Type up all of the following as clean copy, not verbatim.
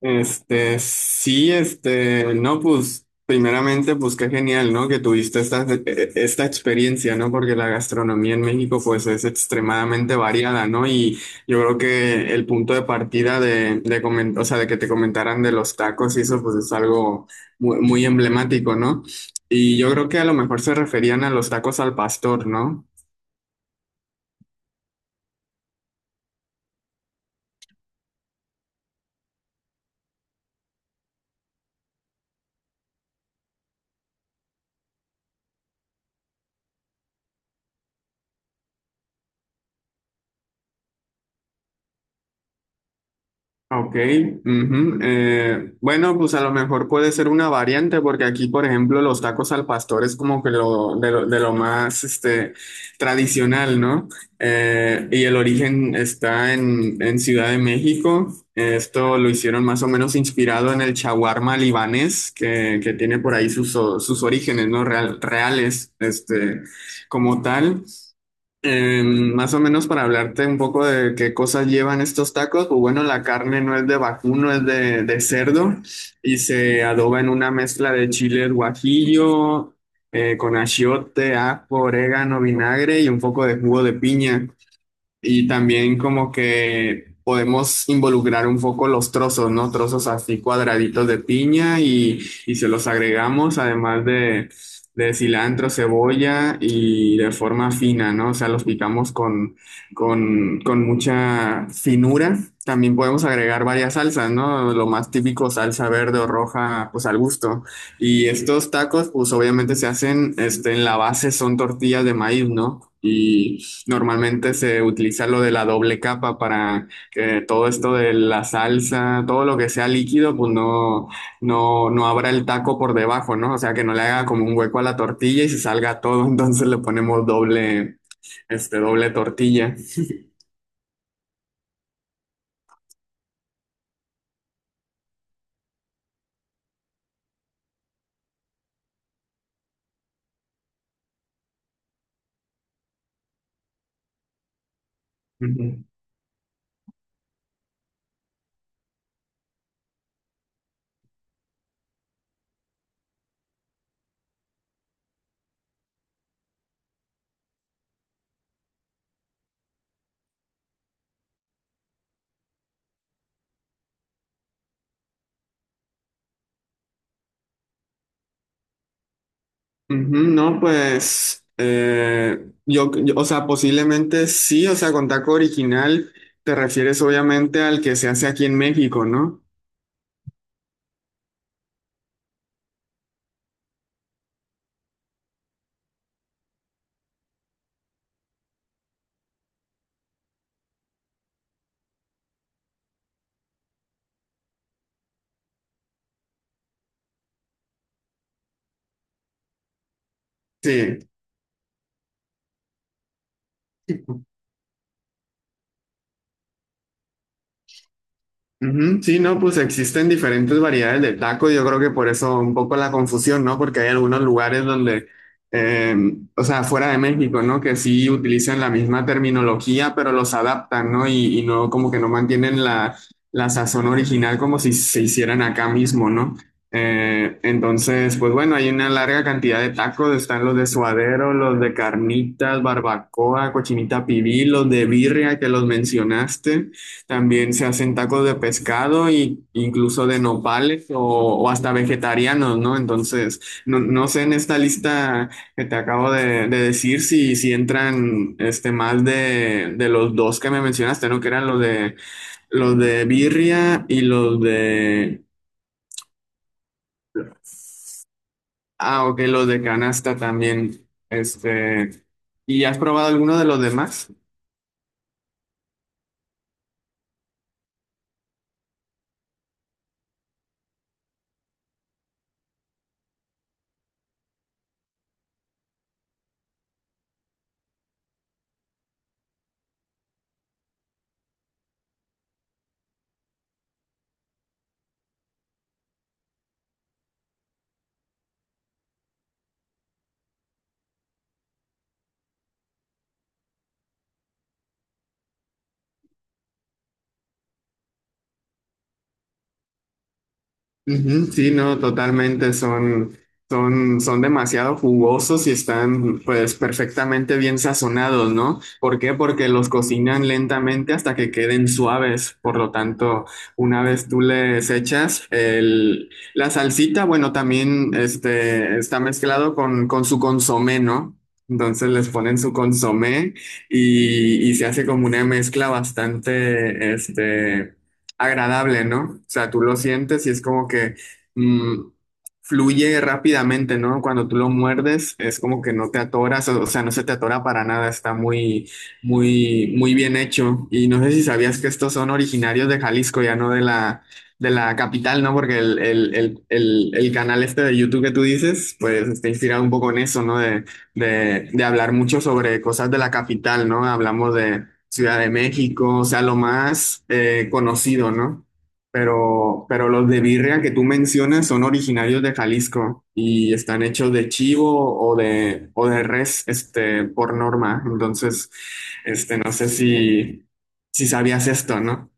Este, sí, este, no, pues, primeramente, pues qué genial, ¿no? Que tuviste esta, esta experiencia, ¿no? Porque la gastronomía en México, pues, es extremadamente variada, ¿no? Y yo creo que el punto de partida de o sea, de que te comentaran de los tacos y eso, pues, es algo muy, muy emblemático, ¿no? Y yo creo que a lo mejor se referían a los tacos al pastor, ¿no? Ok, ujú, bueno, pues a lo mejor puede ser una variante porque aquí, por ejemplo, los tacos al pastor es como que de lo más este, tradicional, ¿no? Y el origen está en Ciudad de México. Esto lo hicieron más o menos inspirado en el shawarma libanés que tiene por ahí sus orígenes, ¿no? Reales, este, como tal. Más o menos para hablarte un poco de qué cosas llevan estos tacos, pues bueno, la carne no es de vacuno, no es de cerdo y se adoba en una mezcla de chiles guajillo, con achiote, ajo, orégano, vinagre y un poco de jugo de piña. Y también como que podemos involucrar un poco los trozos, ¿no? Trozos así cuadraditos de piña y se los agregamos, además de cilantro, cebolla y de forma fina, ¿no? O sea, los picamos con mucha finura. También podemos agregar varias salsas, ¿no? Lo más típico, salsa verde o roja, pues al gusto. Y estos tacos, pues obviamente se hacen, este, en la base son tortillas de maíz, ¿no? Normalmente se utiliza lo de la doble capa para que todo esto de la salsa, todo lo que sea líquido, pues no abra el taco por debajo, ¿no? O sea, que no le haga como un hueco a la tortilla y se salga todo, entonces le ponemos doble, este, doble tortilla. Ujú. Ujú, no, pues yo o sea, posiblemente sí, o sea, con taco original te refieres obviamente al que se hace aquí en México, ¿no? Sí. Ujú, sí, no, pues existen diferentes variedades de taco. Yo creo que por eso un poco la confusión, ¿no? Porque hay algunos lugares donde, eh, o sea, fuera de México, ¿no? Que sí utilizan la misma terminología, pero los adaptan, ¿no? Y no, como que no mantienen la sazón original como si se hicieran acá mismo, ¿no? Entonces, pues bueno, hay una larga cantidad de tacos. Están los de suadero, los de carnitas, barbacoa, cochinita pibil, los de birria que los mencionaste. También se hacen tacos de pescado y incluso de nopales o hasta vegetarianos, ¿no? Entonces, no sé en esta lista que te acabo de decir si entran este más de los dos que me mencionaste, ¿no? Que eran los de birria y los de ah, ok, los de canasta también. Este, ¿y has probado alguno de los demás? Ujú, sí, no, totalmente, son demasiado jugosos y están pues perfectamente bien sazonados, ¿no? ¿Por qué? Porque los cocinan lentamente hasta que queden suaves, por lo tanto, una vez tú les echas la salsita, bueno, también este, está mezclado con su consomé, ¿no? Entonces les ponen su consomé y se hace como una mezcla bastante, este agradable, ¿no? O sea, tú lo sientes y es como que mm, fluye rápidamente, ¿no? Cuando tú lo muerdes, es como que no te atoras, o sea, no se te atora para nada, está muy, muy, muy bien hecho. Y no sé si sabías que estos son originarios de Jalisco, ya no de de la capital, ¿no? Porque el canal este de YouTube que tú dices, pues está inspirado un poco en eso, ¿no? De hablar mucho sobre cosas de la capital, ¿no? Hablamos de Ciudad de México, o sea, lo más conocido, ¿no? Pero los de birria que tú mencionas son originarios de Jalisco y están hechos de chivo o de res, este, por norma. Entonces, este, no sé si, si sabías esto, ¿no?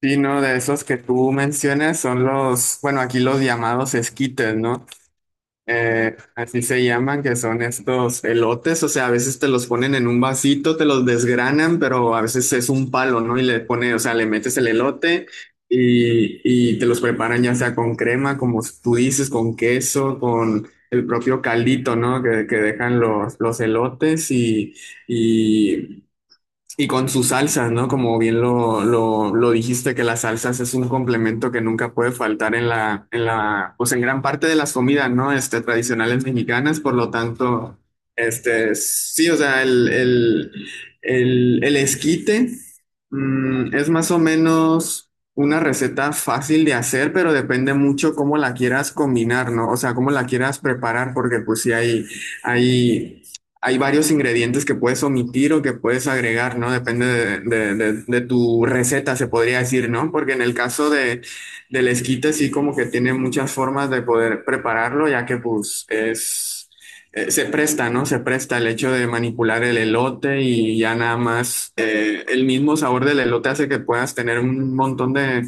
Sí, no, de esos que tú mencionas son los, bueno, aquí los llamados esquites, ¿no? Así se llaman, que son estos elotes, o sea, a veces te los ponen en un vasito, te los desgranan, pero a veces es un palo, ¿no? Y le pone, o sea, le metes el elote y, y te los preparan ya sea con crema, como tú dices, con queso, con el propio caldito, ¿no? Que dejan los elotes y y con sus salsas, ¿no? Como bien lo dijiste, que las salsas es un complemento que nunca puede faltar en la, pues en gran parte de las comidas, ¿no? Este, tradicionales mexicanas, por lo tanto, este, sí, o sea, el esquite, mm, es más o menos una receta fácil de hacer, pero depende mucho cómo la quieras combinar, ¿no? O sea, cómo la quieras preparar, porque pues sí hay hay varios ingredientes que puedes omitir o que puedes agregar, ¿no? Depende de tu receta, se podría decir, ¿no? Porque en el caso de, del esquite sí como que tiene muchas formas de poder prepararlo, ya que pues es, se presta, ¿no? Se presta el hecho de manipular el elote y ya nada más el mismo sabor del elote hace que puedas tener un montón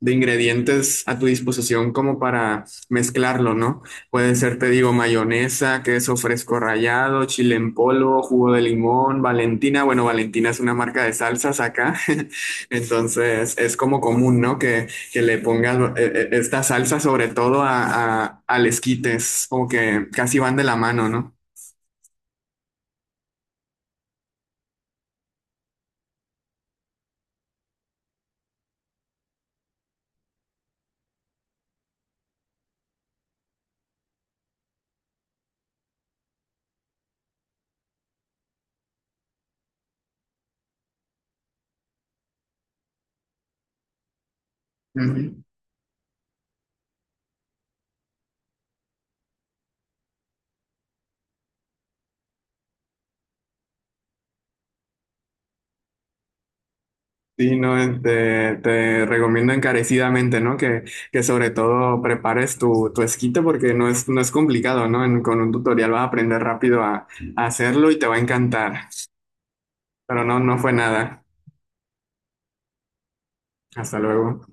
de ingredientes a tu disposición como para mezclarlo, ¿no? Puede ser, te digo, mayonesa, queso fresco rallado, chile en polvo, jugo de limón, Valentina. Bueno, Valentina es una marca de salsas acá. Entonces, es como común, ¿no? Que le pongas esta salsa sobre todo al esquites como que casi van de la mano, ¿no? Ujú. Sí, no, te recomiendo encarecidamente, ¿no? Que sobre todo prepares tu esquite porque no es, no es complicado, ¿no? Con un tutorial vas a aprender rápido a hacerlo y te va a encantar. Pero no, no fue nada. Hasta luego.